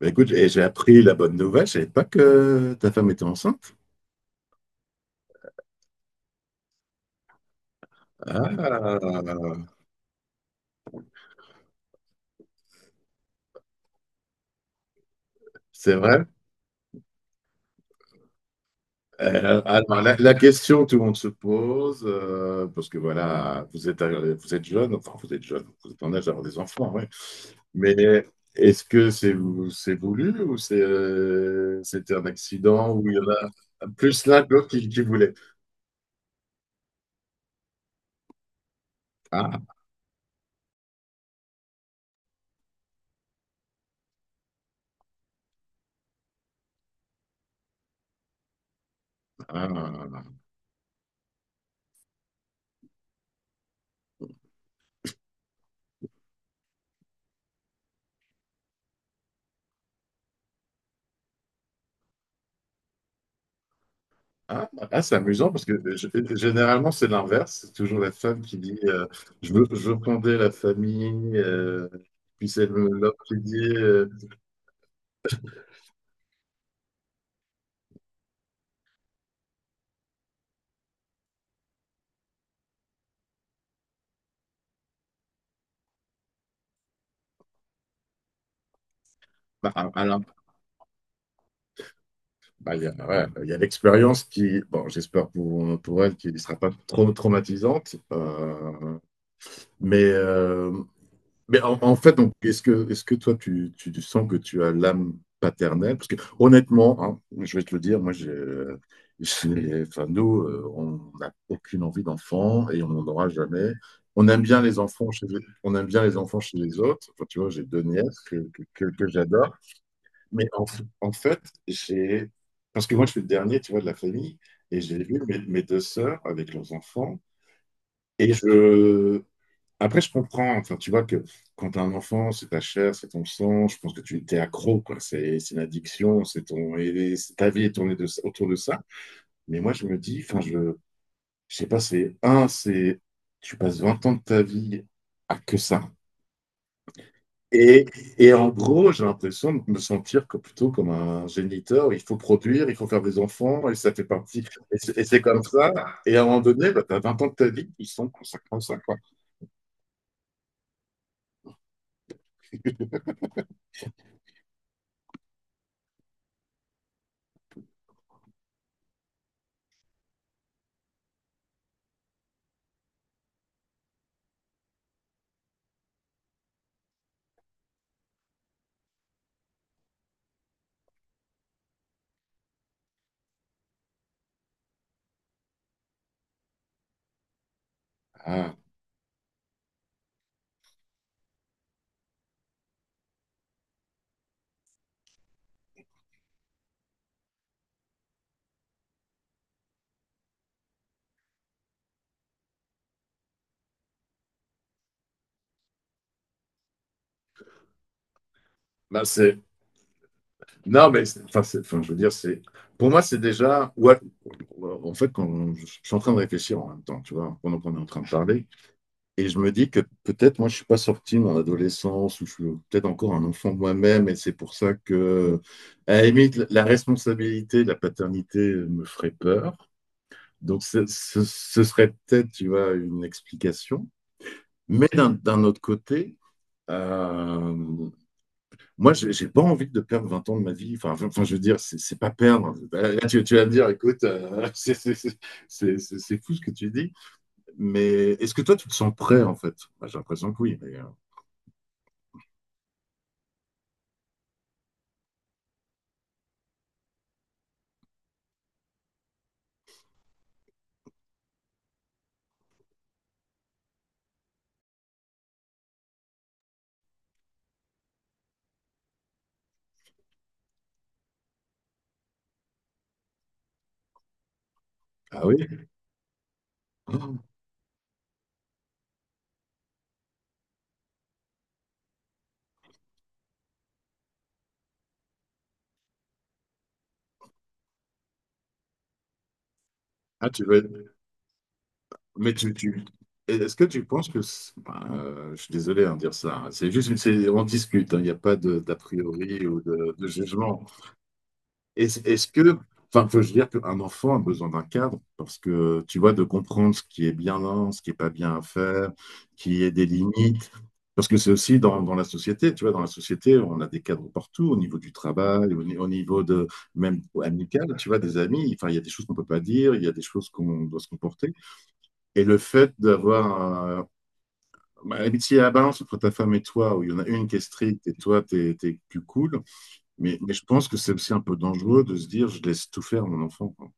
Bah, écoute, et j'ai appris la bonne nouvelle, je savais pas que ta femme était enceinte. Ah, c'est vrai. Alors, la question que tout le monde se pose, parce que voilà, vous êtes jeune, enfin vous êtes jeune, vous êtes en âge d'avoir des enfants, ouais. Mais est-ce que c'est voulu ou c'est c'était un accident où il y en a plus l'un que l'autre qui voulait? Ah, ah. Ah, ah, c'est amusant parce que généralement c'est l'inverse, c'est toujours la femme qui dit je veux fonder la famille, puis c'est l'homme qui dit bah, à bah, il y a, ouais, bah, il y a l'expérience qui, bon j'espère pour elle qui ne sera pas trop traumatisante, mais mais en fait, donc, est-ce que toi, tu sens que tu as l'âme paternelle? Parce que honnêtement, hein, je vais te le dire, moi, enfin, nous, on n'a aucune envie d'enfant et on n'en aura jamais. On aime bien les enfants chez, on aime bien les enfants chez les autres. Enfin, tu vois, j'ai deux nièces que, que j'adore. Mais en fait, j'ai, parce que moi, je suis le dernier, tu vois, de la famille, et j'ai vu mes, mes deux sœurs avec leurs enfants. Et je, après, je comprends. Enfin, tu vois que quand tu as un enfant, c'est ta chair, c'est ton sang. Je pense que tu t'es accro, quoi. C'est une addiction. C'est ton, et c'est- ta vie est tournée de, autour de ça. Mais moi, je me dis, enfin, je sais pas, c'est tu passes 20 ans de ta vie à que ça. Et, et en gros, j'ai l'impression de me sentir que plutôt comme un géniteur. Il faut produire, il faut faire des enfants, et ça fait partie. Et c'est comme ça. Et à un moment donné, bah, tu as 20 ans de ta vie qui sont consacrés à ça, quoi. Ah, bah, c'est non, mais enfin, enfin, je veux dire, c'est pour moi, c'est déjà. Ouais, en fait, quand je suis en train de réfléchir en même temps, tu vois, pendant qu'on est en train de parler, et je me dis que peut-être moi, je suis pas sorti de mon adolescence, ou je suis peut-être encore un enfant de moi-même, et c'est pour ça que, à la limite, la responsabilité, la paternité me ferait peur. Donc, ce serait peut-être, tu vois, une explication. Mais d'un autre côté, euh, moi, je n'ai pas envie de perdre 20 ans de ma vie. Enfin, enfin, je veux dire, c'est n'est pas perdre. Là, vas me dire, écoute, c'est fou ce que tu dis. Mais est-ce que toi, tu te sens prêt, en fait bah, j'ai l'impression que oui. Mais, ah oui. Ah, tu veux... Mais tu... Est-ce que tu penses que... bah, je suis désolé, hein, de dire ça, hein. C'est juste, on discute, hein. Il n'y a pas d'a priori ou de jugement. Est-ce est-ce que, enfin, faut je veux dire qu'un enfant a besoin d'un cadre parce que tu vois, de comprendre ce qui est bien là, ce qui est pas bien à faire, qui est des limites. Parce que c'est aussi dans la société, tu vois, dans la société, on a des cadres partout, au niveau du travail, au, ni- au niveau de même amical, tu vois, des amis. Enfin, il y a des choses qu'on peut pas dire, il y a des choses qu'on doit se comporter. Et le fait d'avoir un- bah, si il y a la balance entre ta femme et toi, où il y en a une qui est stricte et toi, t'es plus cool, mais je pense que c'est aussi un peu dangereux de se dire, je laisse tout faire mon enfant, quoi.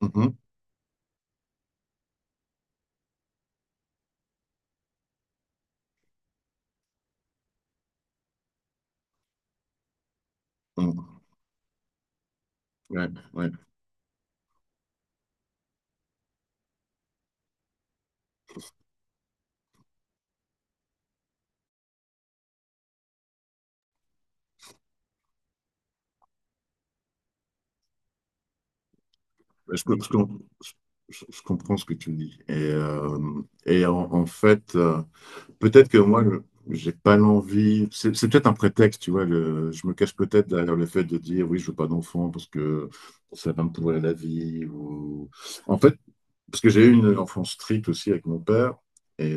Mhm, mhm. Ouais, ouais. Je, com- je com- je comprends ce que tu dis. Et en fait, peut-être que moi, j'ai pas l'envie. C'est peut-être un prétexte, tu vois. Je me cache peut-être derrière le fait de dire, oui, je veux pas d'enfant parce que ça va me pourrir la vie. Ou... En fait, parce que j'ai eu une enfance stricte aussi avec mon père. Et,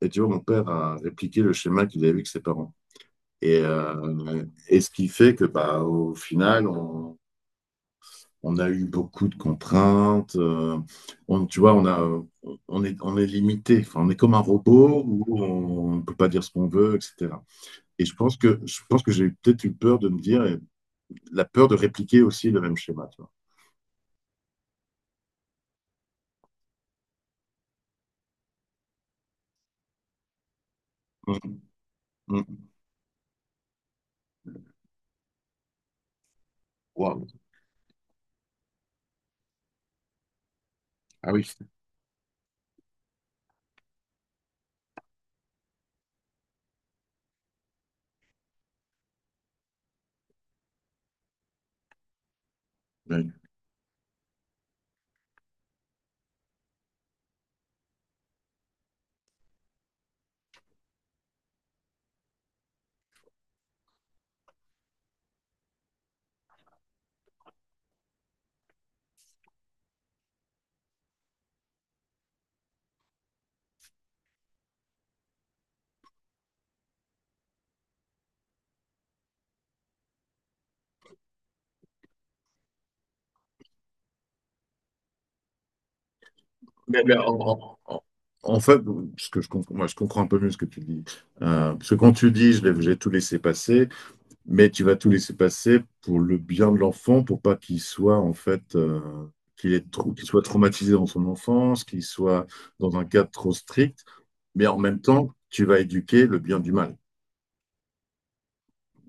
et tu vois, mon père a répliqué le schéma qu'il avait eu avec ses parents. Et ce qui fait que, bah, au final, on a eu beaucoup de contraintes. On, tu vois, on a, on est limité. Enfin, on est comme un robot où on ne peut pas dire ce qu'on veut, etc. Et je pense que j'ai peut-être eu peur de me dire, et la peur de répliquer aussi le même schéma, tu vois. Mhm. Mhm. Waouh. Ah oui. Oui. Mais- mais en, en- en- en fait, ce que je comprends, moi, je comprends un peu mieux ce que tu dis. Parce que quand tu dis, j'ai tout laissé passer, mais tu vas tout laisser passer pour le bien de l'enfant, pour pas qu'il soit en fait, qu'il est qu'il soit traumatisé dans son enfance, qu'il soit dans un cadre trop strict, mais en même temps, tu vas éduquer le bien du mal.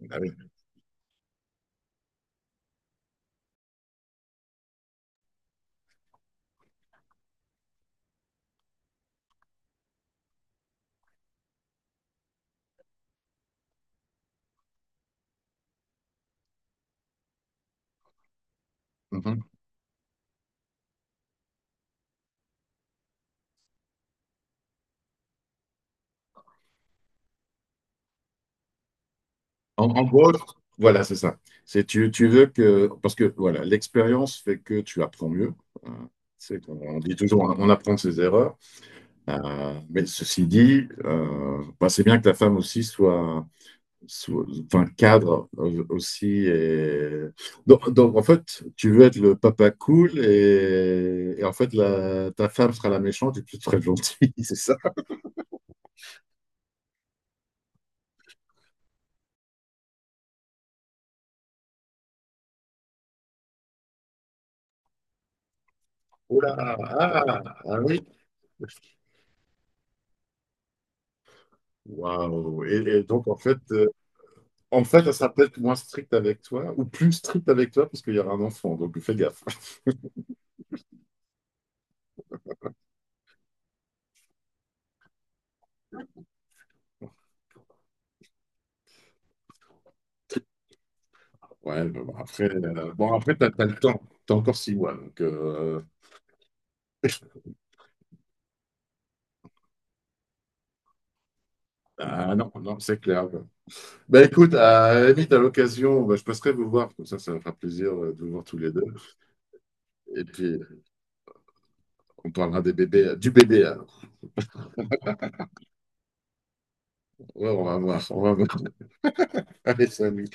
Ah oui. Mhm. En, en gros, voilà, c'est ça. C'est tu, tu veux que parce que voilà, l'expérience fait que tu apprends mieux. Euh, C'est qu'on on dit toujours, on apprend de ses erreurs. Mais ceci dit, bah, c'est bien que la femme aussi soit enfin, cadre, aussi. Donc, en fait, tu veux être le papa cool et en fait, ta femme sera la méchante et tu seras le gentil, c'est ça? Oh là, ah, ah oui. Waouh. Et donc, en fait, elle sera peut-être moins stricte avec toi ou plus stricte avec toi parce qu'il y aura un enfant, donc fais gaffe. Ouais, bon, après t'as le temps. T'as encore 6 mois, donc... ah non, non, c'est clair. Bah écoute, à la limite, à l'occasion, bah, je passerai vous voir, comme ça me fera plaisir, de vous voir tous les deux. Et puis, on parlera des bébés, du bébé, alors. Ouais, on va voir, on va voir. Allez, salut.